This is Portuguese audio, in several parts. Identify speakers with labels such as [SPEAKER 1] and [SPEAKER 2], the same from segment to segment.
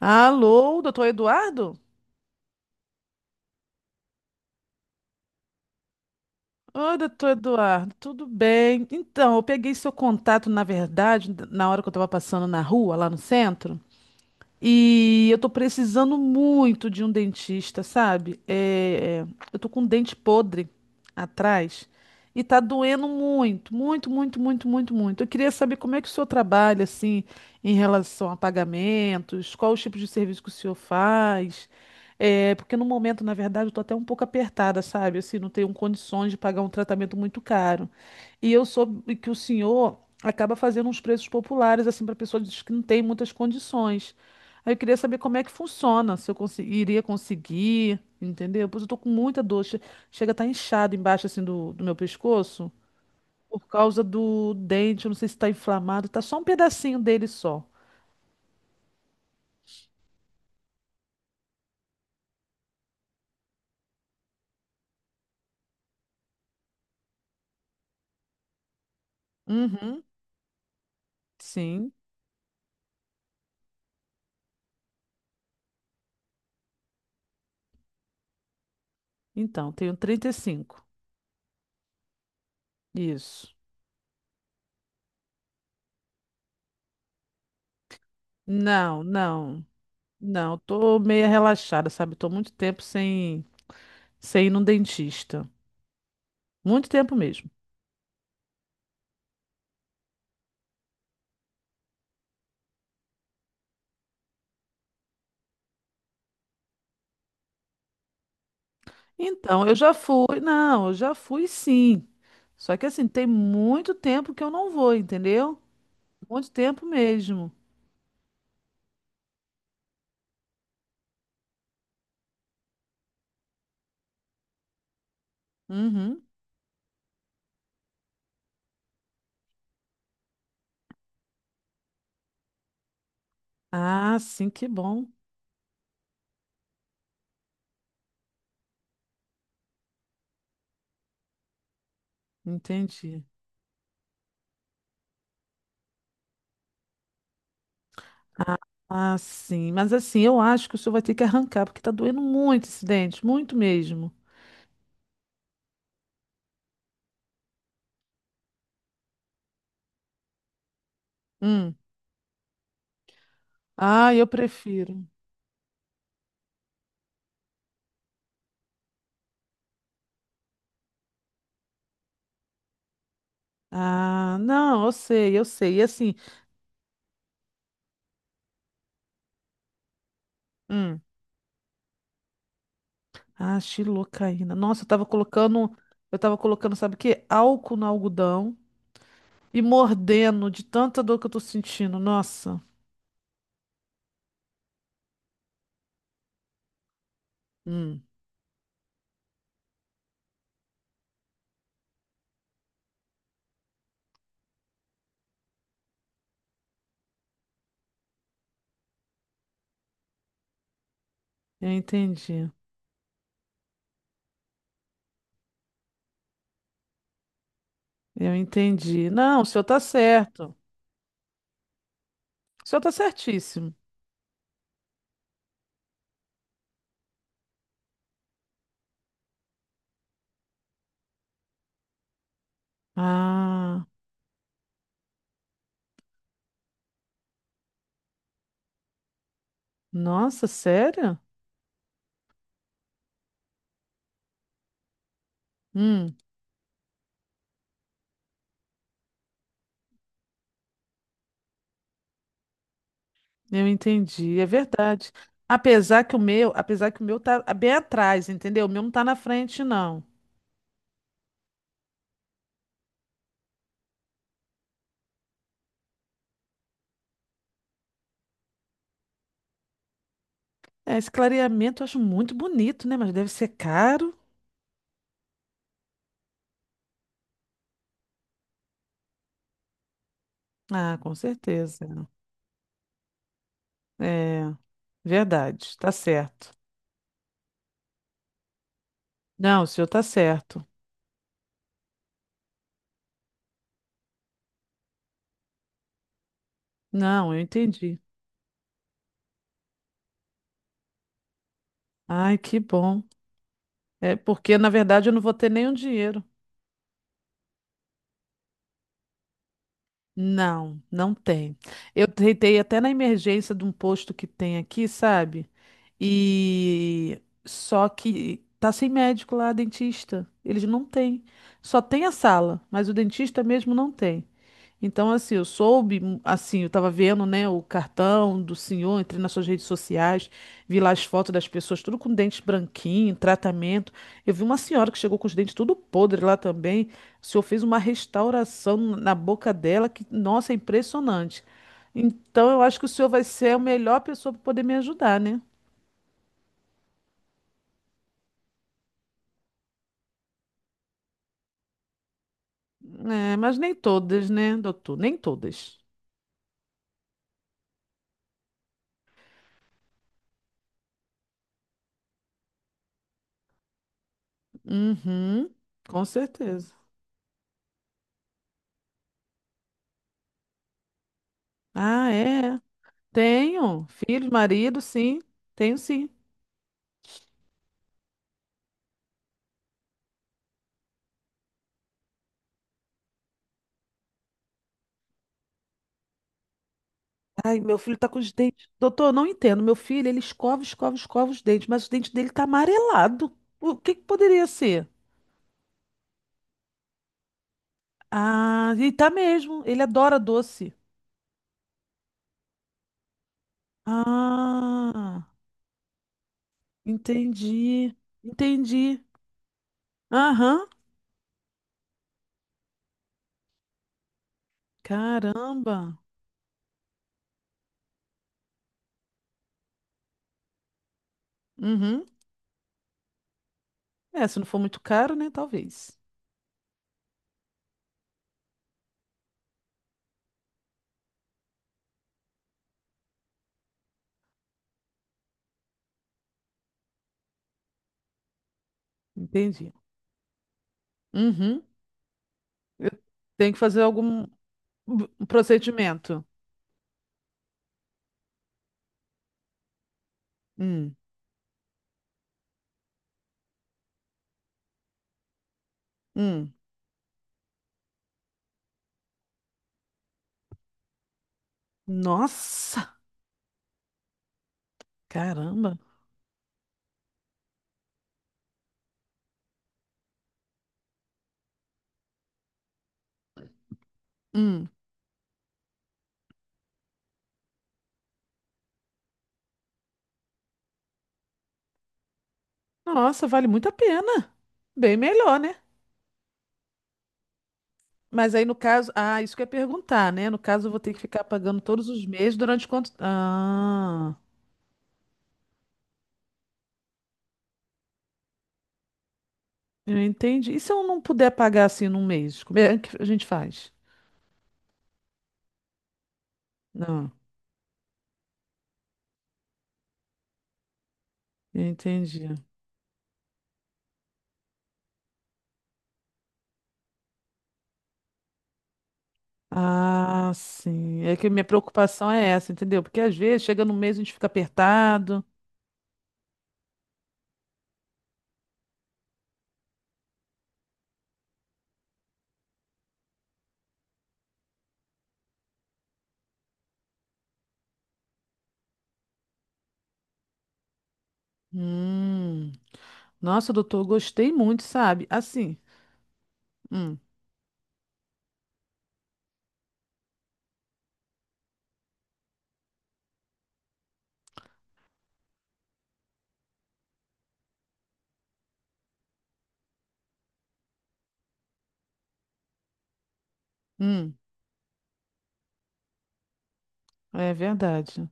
[SPEAKER 1] Alô, doutor Eduardo? Oi, doutor Eduardo, tudo bem? Então, eu peguei seu contato, na verdade, na hora que eu estava passando na rua, lá no centro. E eu tô precisando muito de um dentista, sabe? Eu tô com um dente podre atrás e tá doendo muito, muito, muito, muito, muito, muito. Eu queria saber como é que o senhor trabalha, assim, em relação a pagamentos, qual o tipo de serviço que o senhor faz. É, porque no momento, na verdade, eu tô até um pouco apertada, sabe? Assim, não tenho condições de pagar um tratamento muito caro. E eu soube que o senhor acaba fazendo uns preços populares, assim, para pessoas que não têm muitas condições. Aí eu queria saber como é que funciona, se eu consi- iria conseguir, entendeu? Pois eu tô com muita dor, chega a estar inchado embaixo assim do meu pescoço por causa do dente, eu não sei se tá inflamado, tá só um pedacinho dele só. Uhum, sim. Então, tenho 35. Isso. Não, não. Não, tô meia relaxada, sabe? Tô muito tempo sem ir num dentista. Muito tempo mesmo. Então, eu já fui, não, eu já fui sim. Só que assim, tem muito tempo que eu não vou, entendeu? Muito tempo mesmo. Uhum. Ah, sim, que bom. Entendi. Ah, ah, sim. Mas assim, eu acho que o senhor vai ter que arrancar, porque tá doendo muito esse dente, muito mesmo. Hum. Ah, eu prefiro. Ah, não, eu sei, eu sei. E assim, hum. Ah, xilocaína. Nossa, eu tava colocando, sabe o quê? Álcool no algodão. E mordendo de tanta dor que eu tô sentindo. Nossa, hum. Eu entendi. Eu entendi. Não, o senhor tá certo. O senhor tá certíssimo. Ah, nossa, sério? Hum, eu entendi. É verdade. Apesar que o meu, apesar que o meu tá bem atrás, entendeu? O meu não tá na frente, não. É, esse clareamento eu acho muito bonito, né? Mas deve ser caro. Ah, com certeza. É, verdade. Tá certo. Não, o senhor tá certo. Não, eu entendi. Ai, que bom. É porque, na verdade, eu não vou ter nenhum dinheiro. Não, não tem. Eu tentei até na emergência de um posto que tem aqui, sabe? E só que tá sem médico lá, dentista. Eles não têm. Só tem a sala, mas o dentista mesmo não tem. Então, assim, assim, eu tava vendo, né, o cartão do senhor, entrei nas suas redes sociais, vi lá as fotos das pessoas, tudo com dentes branquinho, tratamento. Eu vi uma senhora que chegou com os dentes tudo podre lá também. O senhor fez uma restauração na boca dela que, nossa, é impressionante. Então, eu acho que o senhor vai ser a melhor pessoa para poder me ajudar, né? É, mas nem todas, né, doutor? Nem todas. Uhum, com certeza. Ah, é. Tenho. Filhos, marido, sim. Tenho sim. Ai, meu filho tá com os dentes. Doutor, eu não entendo. Meu filho, ele escova, escova, escova os dentes, mas os dentes dele tá amarelado. O que que poderia ser? Ah, e tá mesmo. Ele adora doce. Ah, entendi. Entendi. Aham. Caramba. Uhum. É, se não for muito caro, né? Talvez. Entendi. Uhum. Eu tenho que fazer algum procedimento. Hum. Hum. Nossa, caramba. Hum. Nossa, vale muito a pena. Bem melhor, né? Mas aí no caso, ah, isso que eu ia perguntar, né? No caso, eu vou ter que ficar pagando todos os meses durante quanto? Ah. Eu entendi. E se eu não puder pagar assim num mês? Como é que a gente faz? Não, eu entendi. Ah, sim. É que minha preocupação é essa, entendeu? Porque às vezes chega no mês a gente fica apertado. Hum. Nossa, doutor, gostei muito, sabe? Assim. Hum, hum, é verdade.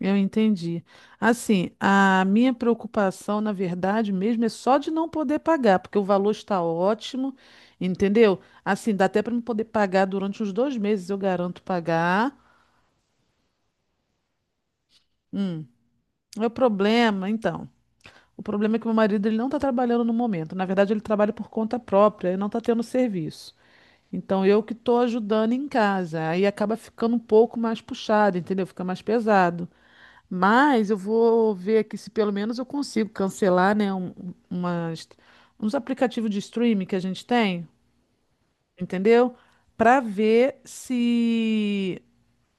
[SPEAKER 1] Eu entendi. Assim, a minha preocupação, na verdade, mesmo é só de não poder pagar, porque o valor está ótimo, entendeu? Assim, dá até para não poder pagar durante uns 2 meses, eu garanto pagar. Hum, é o problema, então. O problema é que meu marido ele não está trabalhando no momento. Na verdade, ele trabalha por conta própria e não está tendo serviço. Então, eu que estou ajudando em casa. Aí acaba ficando um pouco mais puxado, entendeu? Fica mais pesado. Mas eu vou ver aqui se pelo menos eu consigo cancelar, né, umas, uns aplicativos de streaming que a gente tem, entendeu? Para ver se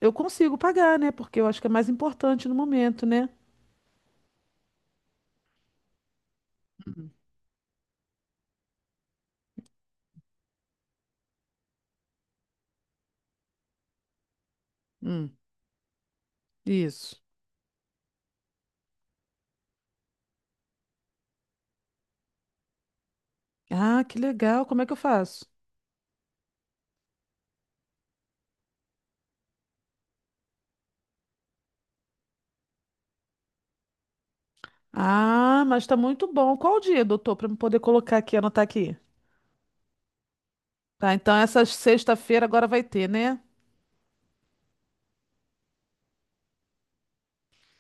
[SPEAKER 1] eu consigo pagar, né? Porque eu acho que é mais importante no momento, né? Hum, isso. Ah, que legal. Como é que eu faço? Ah, mas tá muito bom. Qual o dia, doutor, para eu poder colocar aqui, anotar aqui? Tá, então essa sexta-feira agora vai ter, né?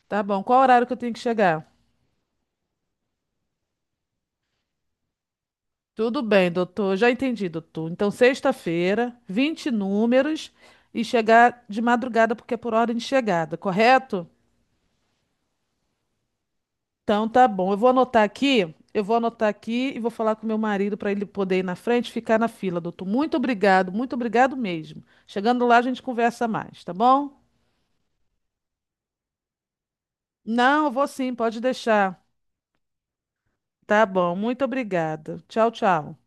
[SPEAKER 1] Tá bom. Qual horário que eu tenho que chegar? Tudo bem, doutor. Já entendi, doutor. Então, sexta-feira, 20 números e chegar de madrugada, porque é por ordem de chegada, correto? Então, tá bom. Eu vou anotar aqui, eu vou anotar aqui e vou falar com meu marido para ele poder ir na frente e ficar na fila, doutor. Muito obrigado mesmo. Chegando lá, a gente conversa mais, tá bom? Não, eu vou sim, pode deixar. Tá bom, muito obrigada. Tchau, tchau.